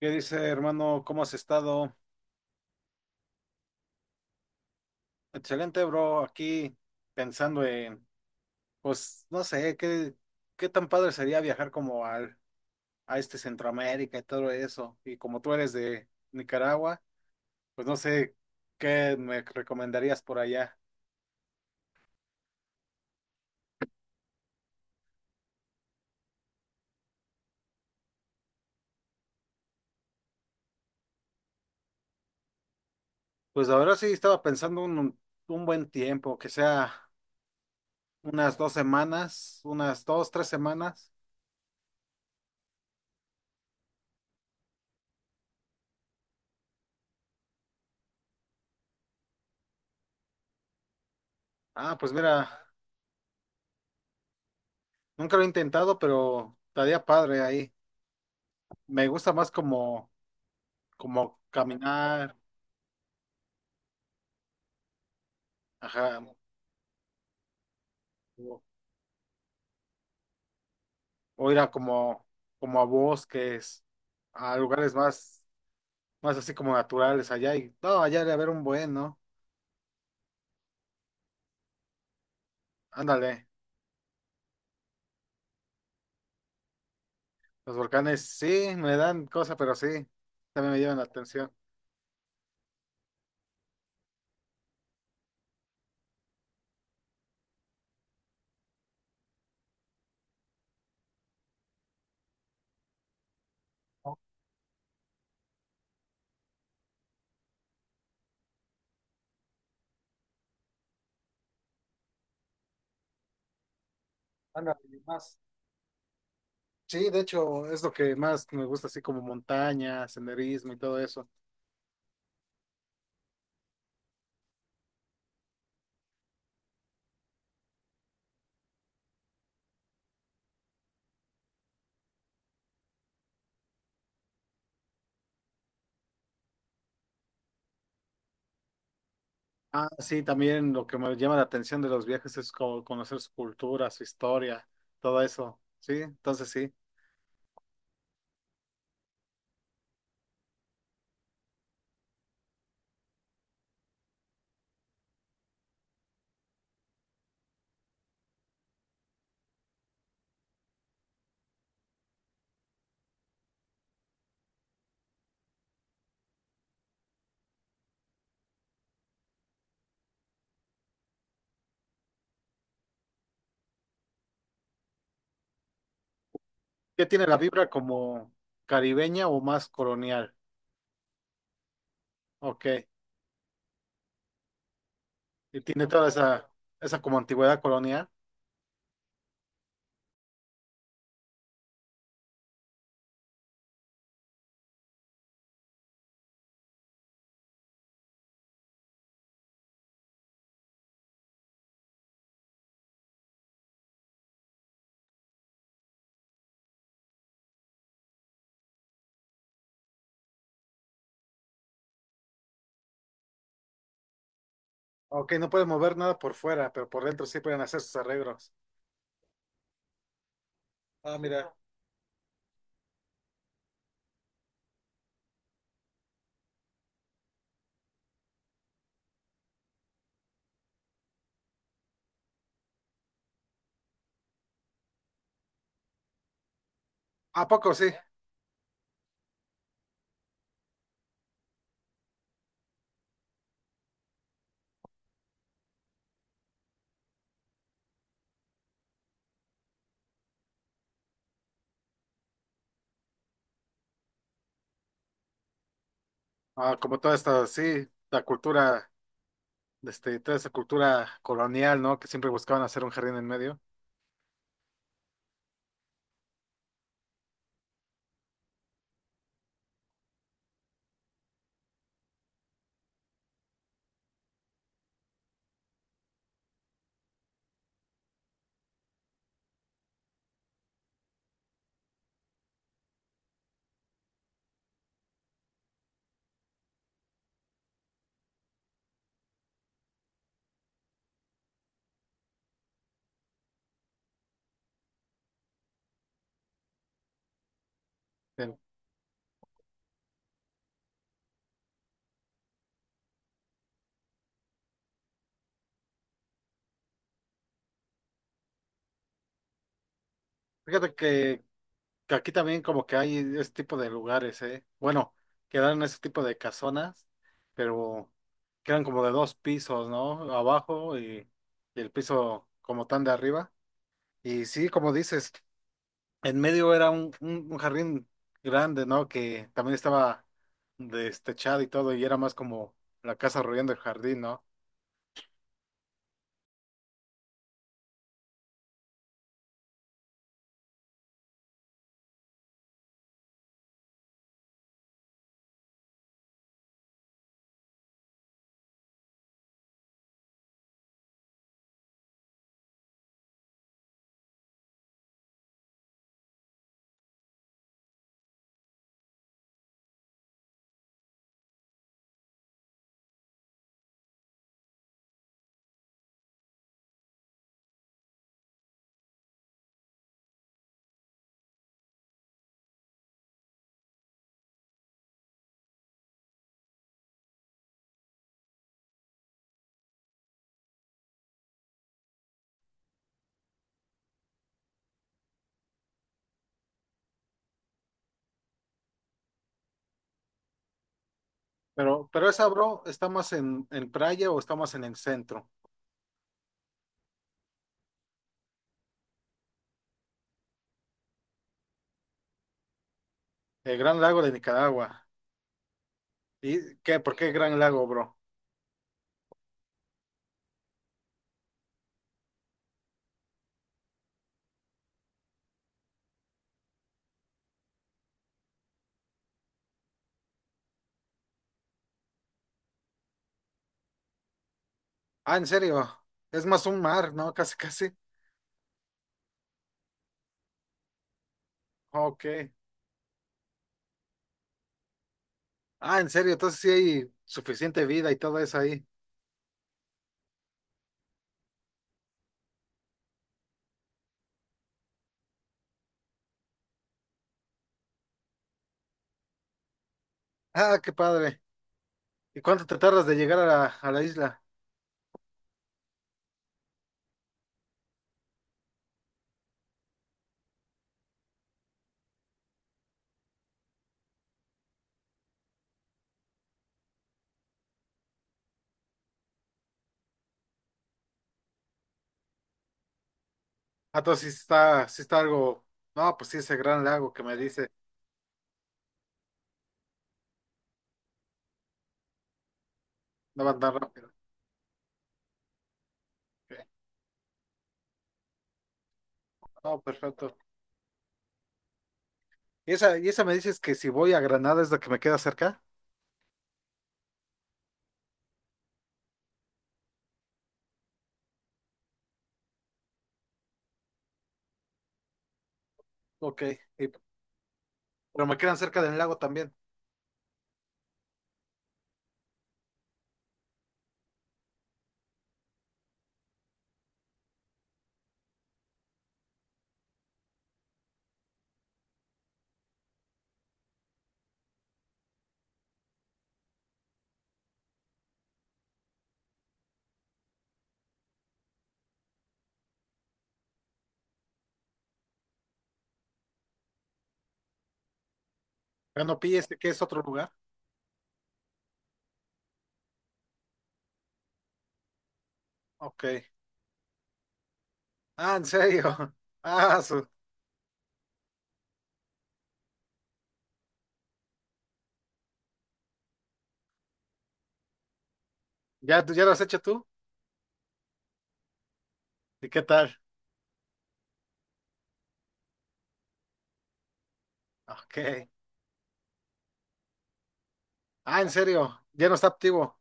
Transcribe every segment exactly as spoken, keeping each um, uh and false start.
¿Qué dice, hermano? ¿Cómo has estado? Excelente, bro. Aquí pensando en, pues, no sé, qué, qué tan padre sería viajar como al, a este Centroamérica y todo eso. Y como tú eres de Nicaragua, pues no sé qué me recomendarías por allá. Pues la verdad sí estaba pensando un, un buen tiempo, que sea unas dos semanas, unas dos, tres semanas. Ah, pues mira, nunca lo he intentado, pero estaría padre ahí. Me gusta más como como caminar, ajá, o, o ir a como, como a bosques, a lugares más, más así como naturales allá y no, allá debe haber un buen, ¿no? Ándale, los volcanes sí me dan cosa, pero sí, también me llevan la atención. Oh, ándale, y más. Sí, de hecho, es lo que más me gusta, así como montaña, senderismo y todo eso. Ah, sí, también lo que me llama la atención de los viajes es como conocer su cultura, su historia, todo eso. Sí, entonces sí. ¿Qué tiene la vibra como caribeña o más colonial? Ok, y tiene toda esa, esa como antigüedad colonial. Ok, no puede mover nada por fuera, pero por dentro sí pueden hacer sus arreglos. Ah, mira. ¿A poco sí? Ah, como toda esta, sí, la cultura, este, toda esa cultura colonial, ¿no? Que siempre buscaban hacer un jardín en medio. Bien. Fíjate que que aquí también como que hay ese tipo de lugares, ¿eh? Bueno, quedaron ese tipo de casonas, pero quedan como de dos pisos, ¿no? Abajo y, y el piso como tan de arriba. Y sí, como dices, en medio era un, un- un jardín grande, ¿no? Que también estaba destechado y todo, y era más como la casa rodeando el jardín, ¿no? Pero, pero esa, bro, ¿está más en, en playa o está más en el centro? El Gran Lago de Nicaragua. ¿Y qué? ¿Por qué Gran Lago, bro? Ah, en serio. Es más un mar, ¿no? Casi, casi. Ok. Ah, en serio. Entonces sí hay suficiente vida y todo eso ahí. Ah, qué padre. ¿Y cuánto te tardas de llegar a la, a la isla? Ah, entonces sí está, sí está algo. No, pues sí, ese gran lago que me dice. No va tan rápido. Ok. No, perfecto. ¿Y esa, y esa me dices que si voy a Granada es la que me queda cerca? Ok. Y pero me quedan cerca del lago también. Canopy, este que es otro lugar. Ok. Ah, en serio. Ah, su- ¿Ya, ya lo has hecho tú? ¿Y qué tal? Ok. Ah, en serio, ya no está activo.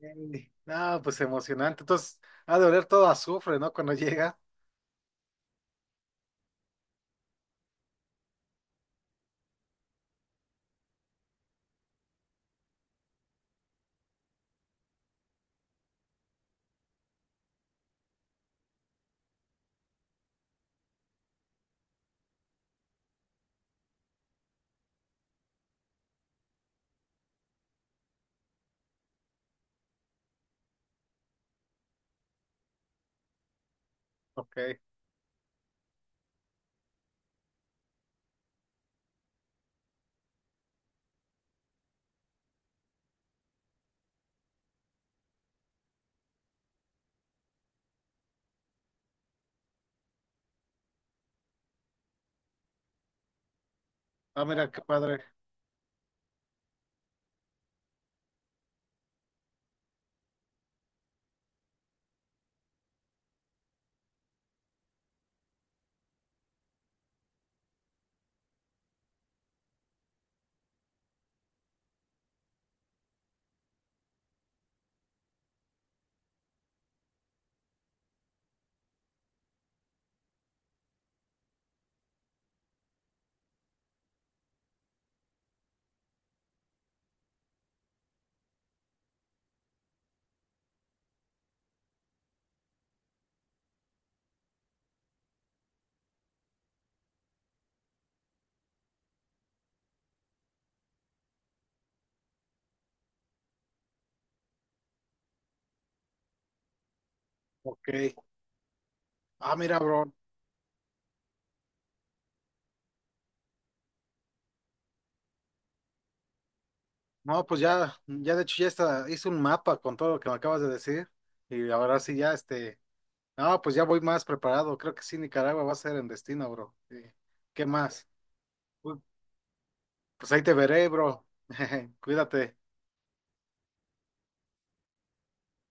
Ey. No, pues emocionante. Entonces, ha de oler todo a azufre, ¿no? Cuando llega. Ok. Ah, mira, qué padre. Ok. Ah, mira, bro. No, pues ya, ya de hecho ya está, hice un mapa con todo lo que me acabas de decir. Y ahora sí ya, este. No, pues ya voy más preparado. Creo que sí, Nicaragua va a ser en destino, bro. Sí. ¿Qué más? Uy, pues ahí te veré, bro. Cuídate.